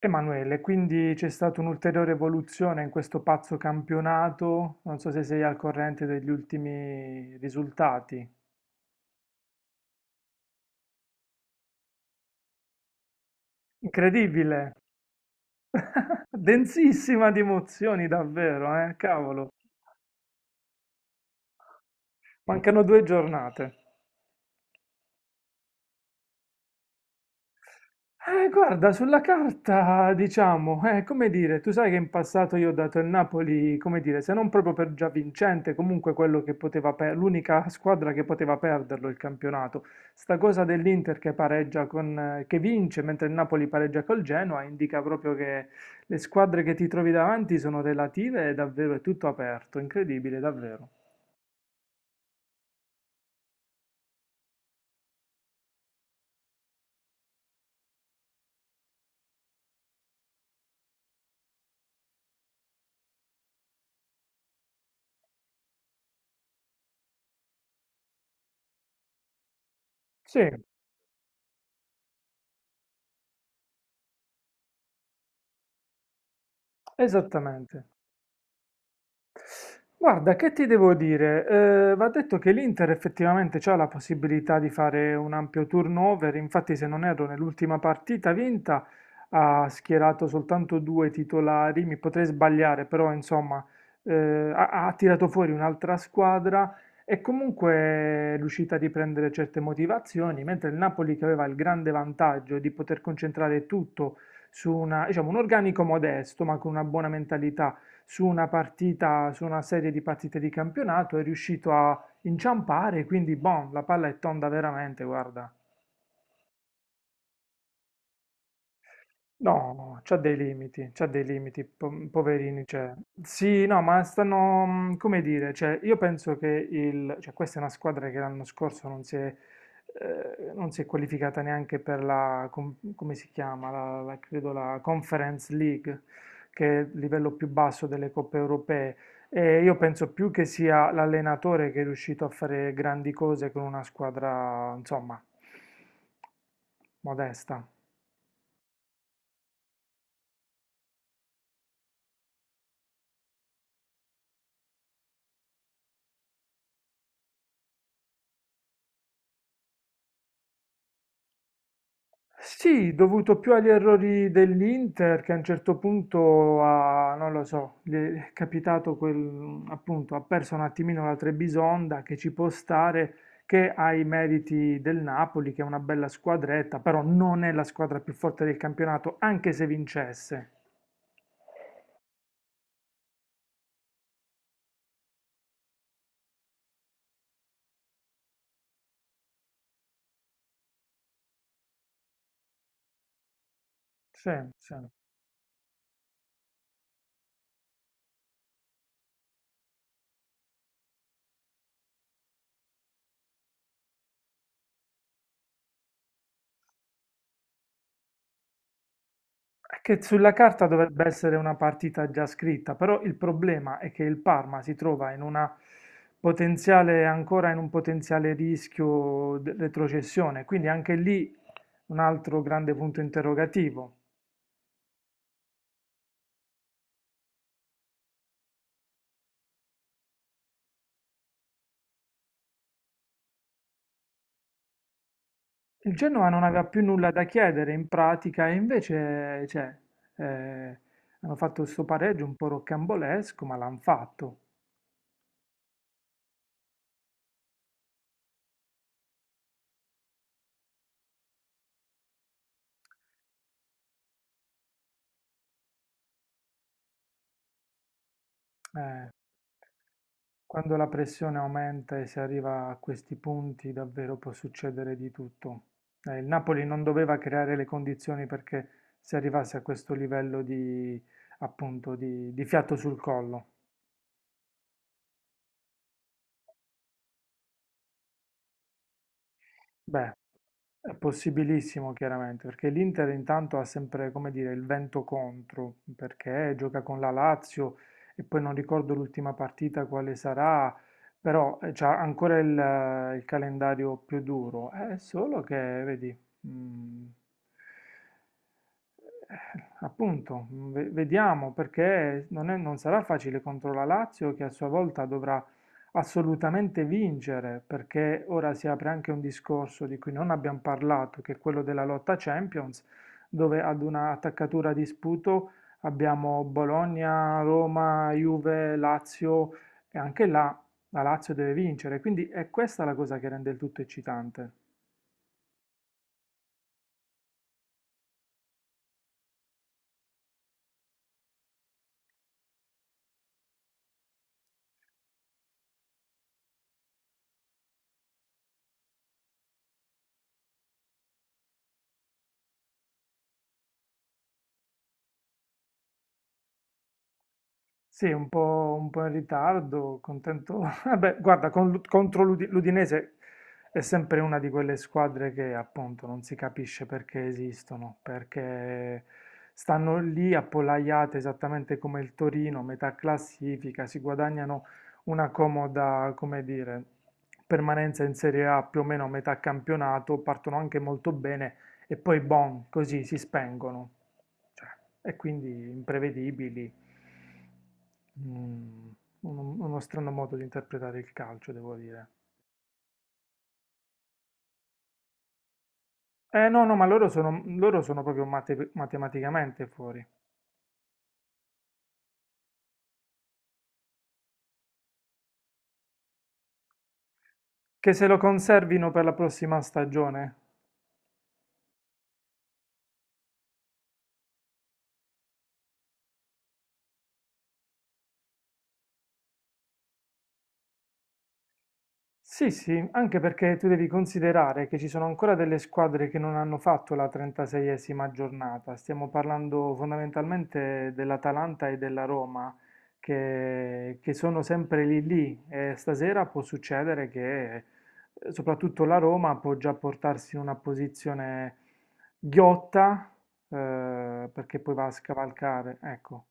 Emanuele, quindi c'è stata un'ulteriore evoluzione in questo pazzo campionato, non so se sei al corrente degli ultimi risultati. Incredibile! Densissima di emozioni, davvero, eh? Cavolo, mancano due giornate. Guarda, sulla carta, diciamo, come dire, tu sai che in passato io ho dato il Napoli, come dire, se non proprio per già vincente, comunque quello che poteva per- l'unica squadra che poteva perderlo il campionato. Sta cosa dell'Inter che pareggia che vince mentre il Napoli pareggia col Genoa indica proprio che le squadre che ti trovi davanti sono relative e davvero è tutto aperto, incredibile, davvero. Sì, esattamente. Guarda, che ti devo dire? Va detto che l'Inter effettivamente ha la possibilità di fare un ampio turnover, infatti se non erro nell'ultima partita vinta ha schierato soltanto due titolari, mi potrei sbagliare, però insomma eh, ha tirato fuori un'altra squadra e comunque è riuscita a riprendere certe motivazioni, mentre il Napoli che aveva il grande vantaggio di poter concentrare tutto diciamo, un organico modesto ma con una buona mentalità, su una partita, su una serie di partite di campionato, è riuscito a inciampare, quindi boh, la palla è tonda veramente, guarda. No, c'ha dei limiti, poverini, cioè. Sì, no, ma stanno, come dire, cioè, io penso che cioè, questa è una squadra che l'anno scorso non non si è qualificata neanche per la, come si chiama, la, credo la Conference League, che è il livello più basso delle coppe europee. E io penso più che sia l'allenatore che è riuscito a fare grandi cose con una squadra, insomma, modesta. Sì, dovuto più agli errori dell'Inter che a un certo punto ha, non lo so, gli è capitato quel, appunto, ha perso un attimino la Trebisonda che ci può stare, che ha i meriti del Napoli, che è una bella squadretta, però non è la squadra più forte del campionato, anche se vincesse. Sì, sì. È che sulla carta dovrebbe essere una partita già scritta, però il problema è che il Parma si trova ancora in un potenziale rischio di retrocessione, quindi anche lì un altro grande punto interrogativo. Il Genoa non aveva più nulla da chiedere in pratica e invece, cioè, eh, hanno fatto questo pareggio un po' rocambolesco, ma l'hanno fatto. Eh, Quando la pressione aumenta e si arriva a questi punti, davvero può succedere di tutto. Il Napoli non doveva creare le condizioni perché si arrivasse a questo livello di, appunto, di fiato sul collo. Beh, è possibilissimo chiaramente, perché l'Inter intanto ha sempre, come dire, il vento contro, perché gioca con la Lazio e poi non ricordo l'ultima partita quale sarà, però ha ancora il calendario più duro. È solo che, vedi, mm, eh, appunto, vediamo perché non sarà facile contro la Lazio che a sua volta dovrà assolutamente vincere, perché ora si apre anche un discorso di cui non abbiamo parlato, che è quello della lotta Champions, dove ad una attaccatura di sputo abbiamo Bologna, Roma, Juve, Lazio e anche là la Lazio deve vincere, quindi è questa la cosa che rende il tutto eccitante. Sì, un po' in ritardo, contento. Vabbè, guarda, contro l'Udinese è sempre una di quelle squadre che appunto non si capisce perché esistono, perché stanno lì appollaiate esattamente come il Torino, metà classifica, si guadagnano una comoda, come dire, permanenza in Serie A più o meno a metà campionato, partono anche molto bene e poi boom, così si spengono. Cioè, e quindi imprevedibili. Mm, uno strano modo di interpretare il calcio, devo dire. Eh no, no, ma loro sono proprio matematicamente fuori. Che se lo conservino per la prossima stagione? Sì, sì, anche perché tu devi considerare che ci sono ancora delle squadre che non hanno fatto la 36esima giornata. Stiamo parlando fondamentalmente dell'Atalanta e della Roma, che sono sempre lì lì. E stasera può succedere che soprattutto la Roma può già portarsi in una posizione ghiotta, perché poi va a scavalcare. Ecco.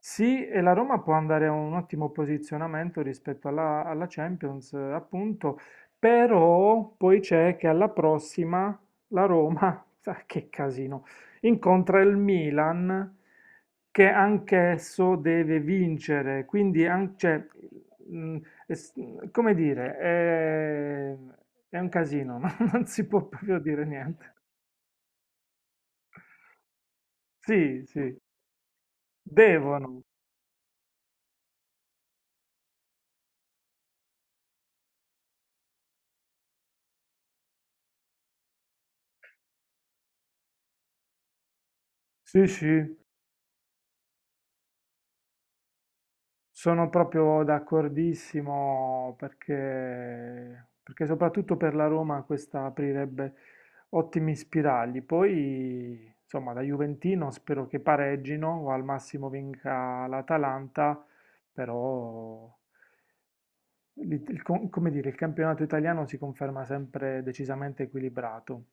Sì, e la Roma può andare a un ottimo posizionamento rispetto alla Champions, appunto, però poi c'è che alla prossima la Roma, sa che casino, incontra il Milan che anch'esso deve vincere, quindi cioè, mm, es- come dire, è un casino, non si può proprio dire niente. Sì, sì, devono, sì, sì. Sono proprio d'accordissimo perché, perché soprattutto per la Roma questa aprirebbe ottimi spiragli. Poi, insomma, da Juventino spero che pareggino o al massimo vinca l'Atalanta, però, il, come dire, il campionato italiano si conferma sempre decisamente equilibrato.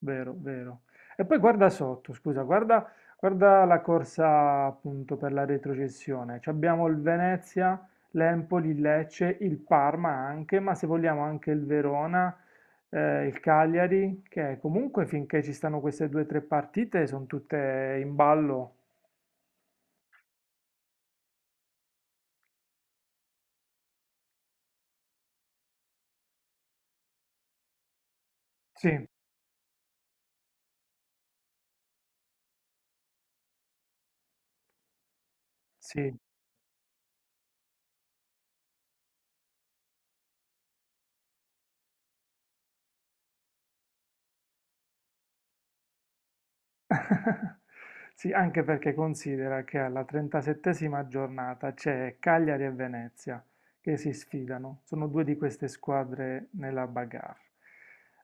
Vero, vero. E poi guarda sotto, scusa, guarda, guarda la corsa appunto per la retrocessione. Ci abbiamo il Venezia, l'Empoli, il Lecce, il Parma anche, ma se vogliamo anche il Verona, il Cagliari, che comunque finché ci stanno queste due o tre partite sono tutte in ballo. Sì, sì, sì, anche perché considera che alla 37esima giornata c'è Cagliari e Venezia che si sfidano, sono due di queste squadre nella bagarre.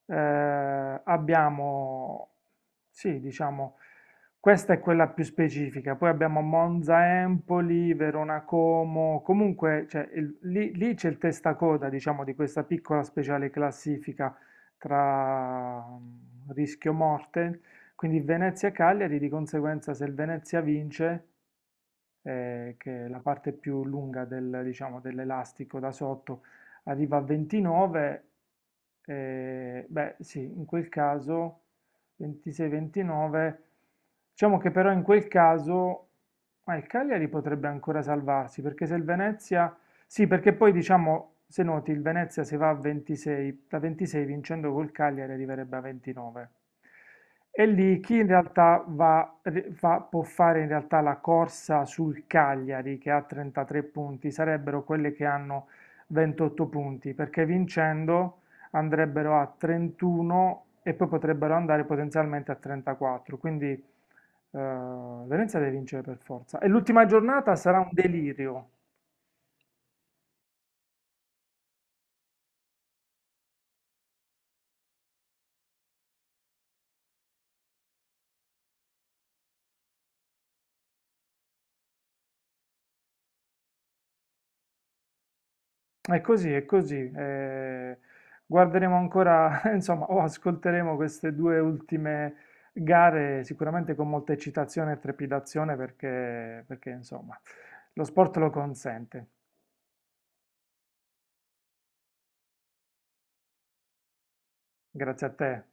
Abbiamo, sì, diciamo, questa è quella più specifica, poi abbiamo Monza Empoli, Verona Como, comunque cioè, lì, lì c'è il testacoda, diciamo, di questa piccola speciale classifica tra rischio morte, quindi Venezia e Cagliari, di conseguenza se il Venezia vince, che è la parte più lunga del, diciamo, dell'elastico da sotto, arriva a 29, beh sì, in quel caso 26-29, diciamo che però in quel caso ah, il Cagliari potrebbe ancora salvarsi, perché se il Venezia sì, perché poi diciamo, se noti, il Venezia se va a 26, da 26 vincendo col Cagliari arriverebbe a 29. E lì chi in realtà può fare in realtà la corsa sul Cagliari che ha 33 punti, sarebbero quelle che hanno 28 punti, perché vincendo andrebbero a 31 e poi potrebbero andare potenzialmente a 34. Quindi Venezia deve vincere per forza. E l'ultima giornata sarà un delirio. È così, è così. Guarderemo ancora, insomma, o ascolteremo queste due ultime gare sicuramente con molta eccitazione e trepidazione perché, perché, insomma, lo sport lo consente. Grazie a te.